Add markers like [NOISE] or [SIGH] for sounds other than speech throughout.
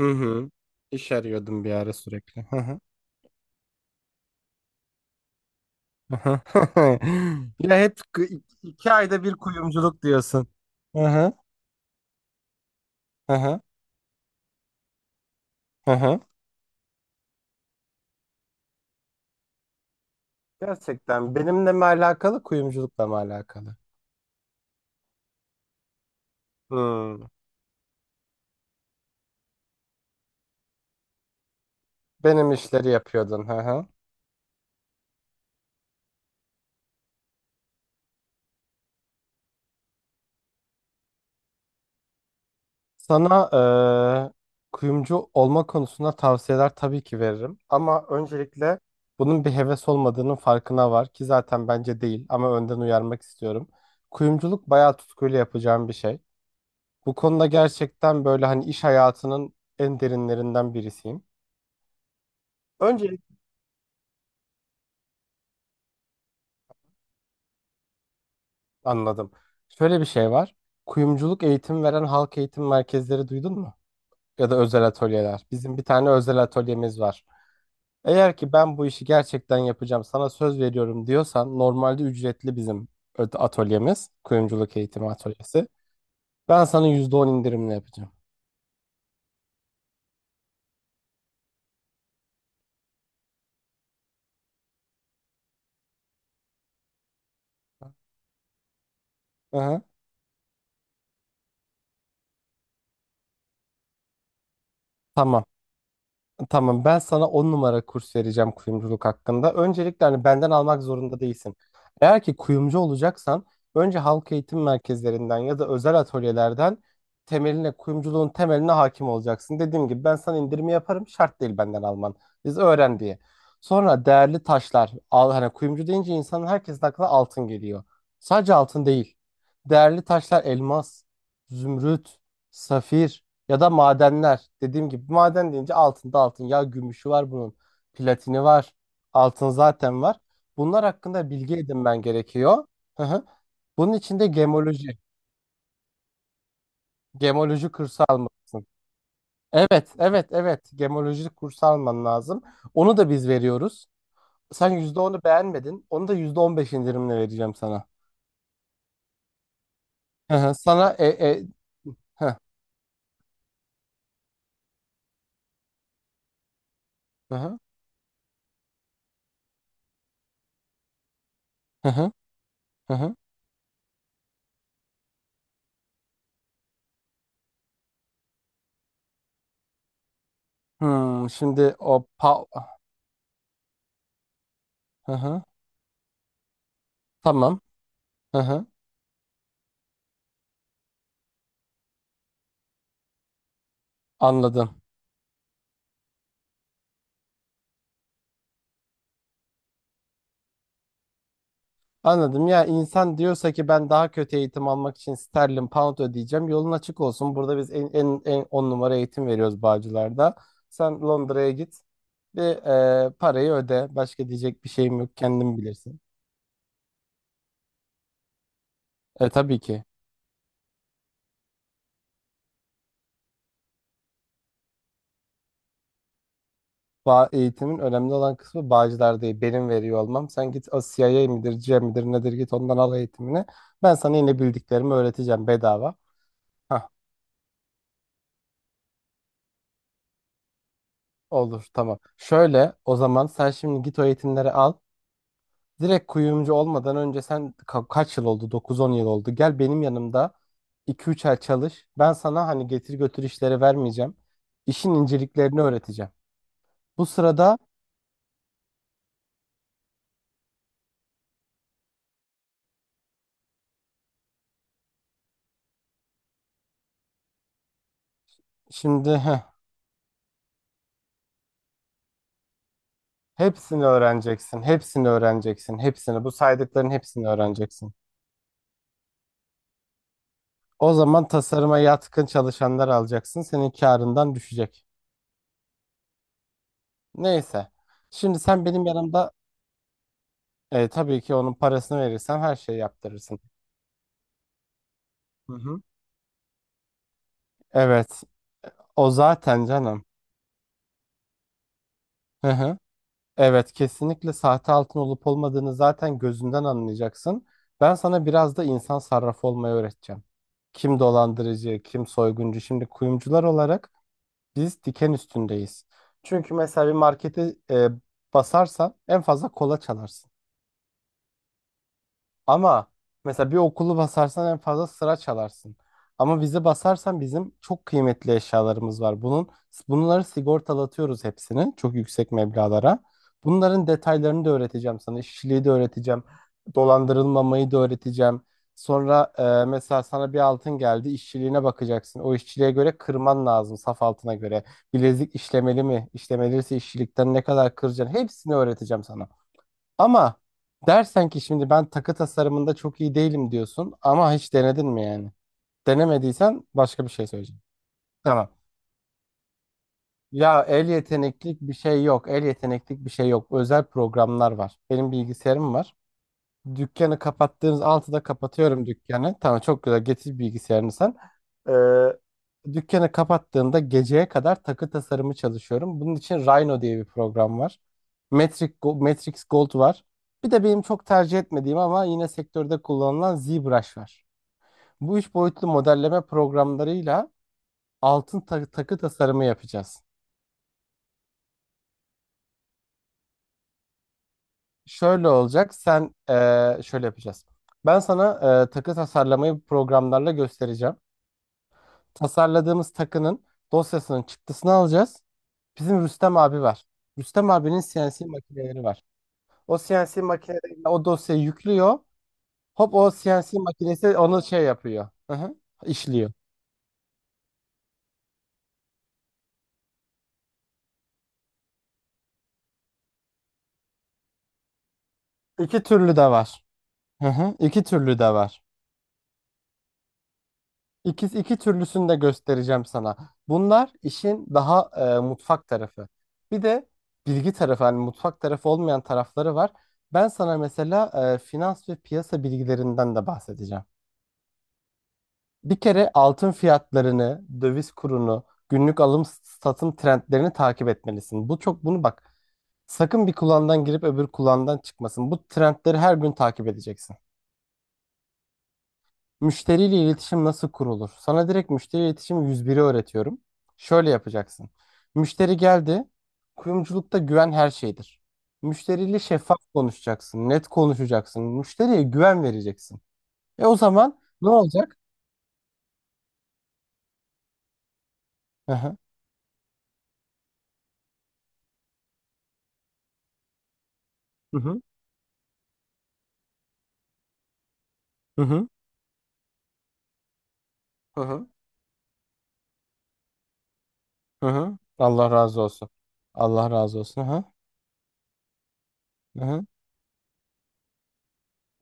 Hı hı. İş arıyordum bir ara sürekli. Hı hı. Hı [LAUGHS] Ya hep k- 2 ayda bir kuyumculuk diyorsun. Hı hı. Hı hı. Hı hı. Gerçekten benimle mi alakalı, kuyumculukla mı alakalı? Hmm. Benim işleri yapıyordun. Hı hı. Sana eee, kuyumcu olma konusunda tavsiyeler tabii ki veririm. Ama öncelikle bunun bir heves olmadığının farkına var ki, zaten bence değil ama önden uyarmak istiyorum. Kuyumculuk bayağı tutkuyla yapacağım bir şey. Bu konuda gerçekten böyle hani iş hayatının en derinlerinden birisiyim. Öncelikle anladım. Şöyle bir şey var. Kuyumculuk eğitim veren halk eğitim merkezleri duydun mu? Ya da özel atölyeler. Bizim bir tane özel atölyemiz var. Eğer ki ben bu işi gerçekten yapacağım, sana söz veriyorum diyorsan, normalde ücretli bizim atölyemiz. Kuyumculuk eğitimi atölyesi. Ben sana %10 indirimle yapacağım. Aha. Tamam. Tamam, ben sana 10 numara kurs vereceğim kuyumculuk hakkında. Öncelikle hani benden almak zorunda değilsin. Eğer ki kuyumcu olacaksan, önce halk eğitim merkezlerinden ya da özel atölyelerden temeline, kuyumculuğun temeline hakim olacaksın. Dediğim gibi ben sana indirimi yaparım, şart değil benden alman. Biz öğren diye. Sonra değerli taşlar al, hani kuyumcu deyince insanın, herkesin aklına altın geliyor. Sadece altın değil. Değerli taşlar: elmas, zümrüt, safir. Ya da madenler. Dediğim gibi maden deyince altında altın. Ya gümüşü var bunun. Platini var. Altın zaten var. Bunlar hakkında bilgi edinmen gerekiyor. Hı hı. Bunun için de gemoloji. Gemoloji kursu almalısın. Evet, evet, evet. Gemoloji kursu alman lazım. Onu da biz veriyoruz. Sen %10'u beğenmedin. Onu da %15 indirimle vereceğim sana. Hı hı. Sana hı hı hı hı. Hı hı. Şimdi o hı hı. Tamam. Hı hı. Anladım. Anladım, ya insan diyorsa ki ben daha kötü eğitim almak için sterlin pound ödeyeceğim, yolun açık olsun. Burada biz en on numara eğitim veriyoruz Bağcılar'da. Sen Londra'ya git ve parayı öde, başka diyecek bir şeyim yok, kendin bilirsin. E, tabii ki. Eğitimin önemli olan kısmı Bağcılar değil, benim veriyor olmam. Sen git, o CIA midir, C midir nedir, git ondan al eğitimini, ben sana yine bildiklerimi öğreteceğim bedava. Hah, olur, tamam. Şöyle, o zaman sen şimdi git o eğitimleri al. Direkt kuyumcu olmadan önce sen kaç yıl oldu? 9-10 yıl oldu. Gel benim yanımda 2-3 ay çalış. Ben sana hani getir götür işleri vermeyeceğim. İşin inceliklerini öğreteceğim. Bu sırada şimdi hepsini öğreneceksin. Hepsini öğreneceksin. Hepsini. Bu saydıkların hepsini öğreneceksin. O zaman tasarıma yatkın çalışanlar alacaksın. Senin karından düşecek. Neyse. Şimdi sen benim yanımda tabii ki onun parasını verirsen her şeyi yaptırırsın. Hı hı. Evet. O zaten canım. Hı hı. Evet, kesinlikle sahte altın olup olmadığını zaten gözünden anlayacaksın. Ben sana biraz da insan sarrafı olmayı öğreteceğim. Kim dolandırıcı, kim soyguncu. Şimdi kuyumcular olarak biz diken üstündeyiz. Çünkü mesela bir markete basarsan en fazla kola çalarsın. Ama mesela bir okulu basarsan en fazla sıra çalarsın. Ama bizi basarsan, bizim çok kıymetli eşyalarımız var. Bunları sigortalatıyoruz, hepsini çok yüksek meblağlara. Bunların detaylarını da öğreteceğim sana. İşçiliği de öğreteceğim. Dolandırılmamayı da öğreteceğim. Sonra mesela sana bir altın geldi, işçiliğine bakacaksın. O işçiliğe göre kırman lazım, saf altına göre. Bilezik işlemeli mi? İşlemeliyse işçilikten ne kadar kıracaksın? Hepsini öğreteceğim sana. Ama dersen ki şimdi ben takı tasarımında çok iyi değilim, diyorsun ama hiç denedin mi yani? Denemediysen başka bir şey söyleyeceğim. Tamam. Ya el yeteneklik bir şey yok. El yeteneklik bir şey yok. Özel programlar var. Benim bilgisayarım var. Dükkanı kapattığınız 6'da kapatıyorum dükkanı. Tamam, çok güzel, getir bilgisayarını sen. Dükkanı kapattığımda geceye kadar takı tasarımı çalışıyorum. Bunun için Rhino diye bir program var. Matrix Gold var. Bir de benim çok tercih etmediğim ama yine sektörde kullanılan ZBrush var. Bu üç boyutlu modelleme programlarıyla altın takı tasarımı yapacağız. Şöyle olacak, sen şöyle yapacağız. Ben sana takı tasarlamayı programlarla göstereceğim. Tasarladığımız takının dosyasının çıktısını alacağız. Bizim Rüstem abi var. Rüstem abinin CNC makineleri var. O CNC makineleriyle o dosyayı yüklüyor. Hop, o CNC makinesi onu şey yapıyor. Hı hı, işliyor. İki türlü de var. Hı hı, iki türlü de var. İki türlüsünü de göstereceğim sana. Bunlar işin daha mutfak tarafı. Bir de bilgi tarafı, hani mutfak tarafı olmayan tarafları var. Ben sana mesela finans ve piyasa bilgilerinden de bahsedeceğim. Bir kere altın fiyatlarını, döviz kurunu, günlük alım satım trendlerini takip etmelisin. Bu çok, bunu bak. Sakın bir kulağından girip öbür kulağından çıkmasın. Bu trendleri her gün takip edeceksin. Müşteriyle iletişim nasıl kurulur? Sana direkt müşteri iletişimi 101 öğretiyorum. Şöyle yapacaksın. Müşteri geldi. Kuyumculukta güven her şeydir. Müşteriyle şeffaf konuşacaksın, net konuşacaksın. Müşteriye güven vereceksin. E, o zaman ne olacak? Hı hı. Hı hı. Hı hı. Hı hı. Hı hı. Allah razı olsun. Allah razı olsun. Hı hı. Hı hı.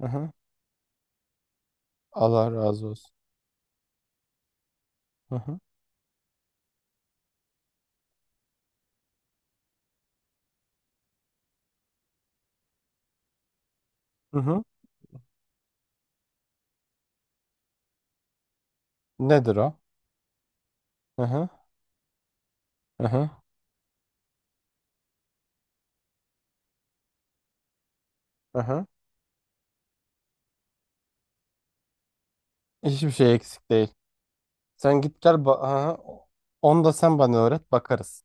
Hı hı. Allah razı olsun. Hı hı. Hı hı. Nedir o? Hı hı. Hı hı. Hı hı. Hiçbir şey eksik değil. Sen git gel hı hı. Onu da sen bana öğret, bakarız.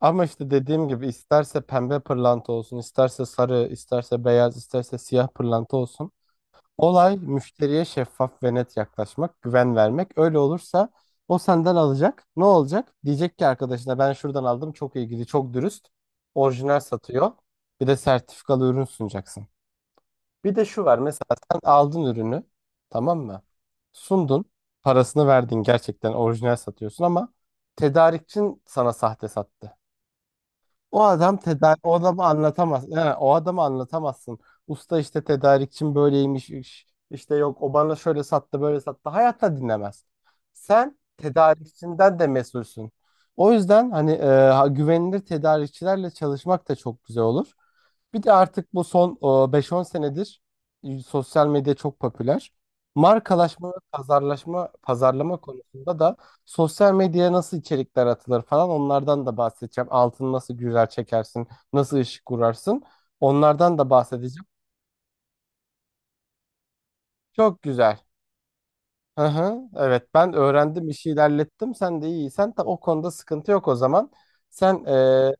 Ama işte dediğim gibi, isterse pembe pırlanta olsun, isterse sarı, isterse beyaz, isterse siyah pırlanta olsun. Olay müşteriye şeffaf ve net yaklaşmak, güven vermek. Öyle olursa o senden alacak. Ne olacak? Diyecek ki arkadaşına, ben şuradan aldım, çok ilgili, çok dürüst. Orijinal satıyor. Bir de sertifikalı ürün sunacaksın. Bir de şu var mesela: sen aldın ürünü, tamam mı? Sundun. Parasını verdin, gerçekten orijinal satıyorsun ama tedarikçin sana sahte sattı. O adam tedarik, o adamı anlatamaz. Yani o adamı anlatamazsın. Usta, işte tedarikçim böyleymiş, işte yok o bana şöyle sattı, böyle sattı. Hayatta dinlemez. Sen tedarikçinden de mesulsün. O yüzden hani güvenilir tedarikçilerle çalışmak da çok güzel olur. Bir de artık bu son 5-10 senedir sosyal medya çok popüler. Markalaşma ve pazarlama konusunda da Sosyal medyaya nasıl içerikler atılır falan, onlardan da bahsedeceğim. Altını nasıl güzel çekersin, nasıl ışık kurarsın, onlardan da bahsedeceğim. Çok güzel. Hı hı, evet ben öğrendim, işi ilerlettim, sen de iyiysen ta o konuda sıkıntı yok o zaman. Sen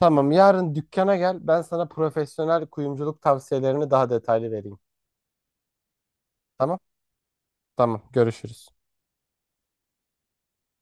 Tamam, yarın dükkana gel, ben sana profesyonel kuyumculuk tavsiyelerini daha detaylı vereyim. Tamam, tamam, görüşürüz.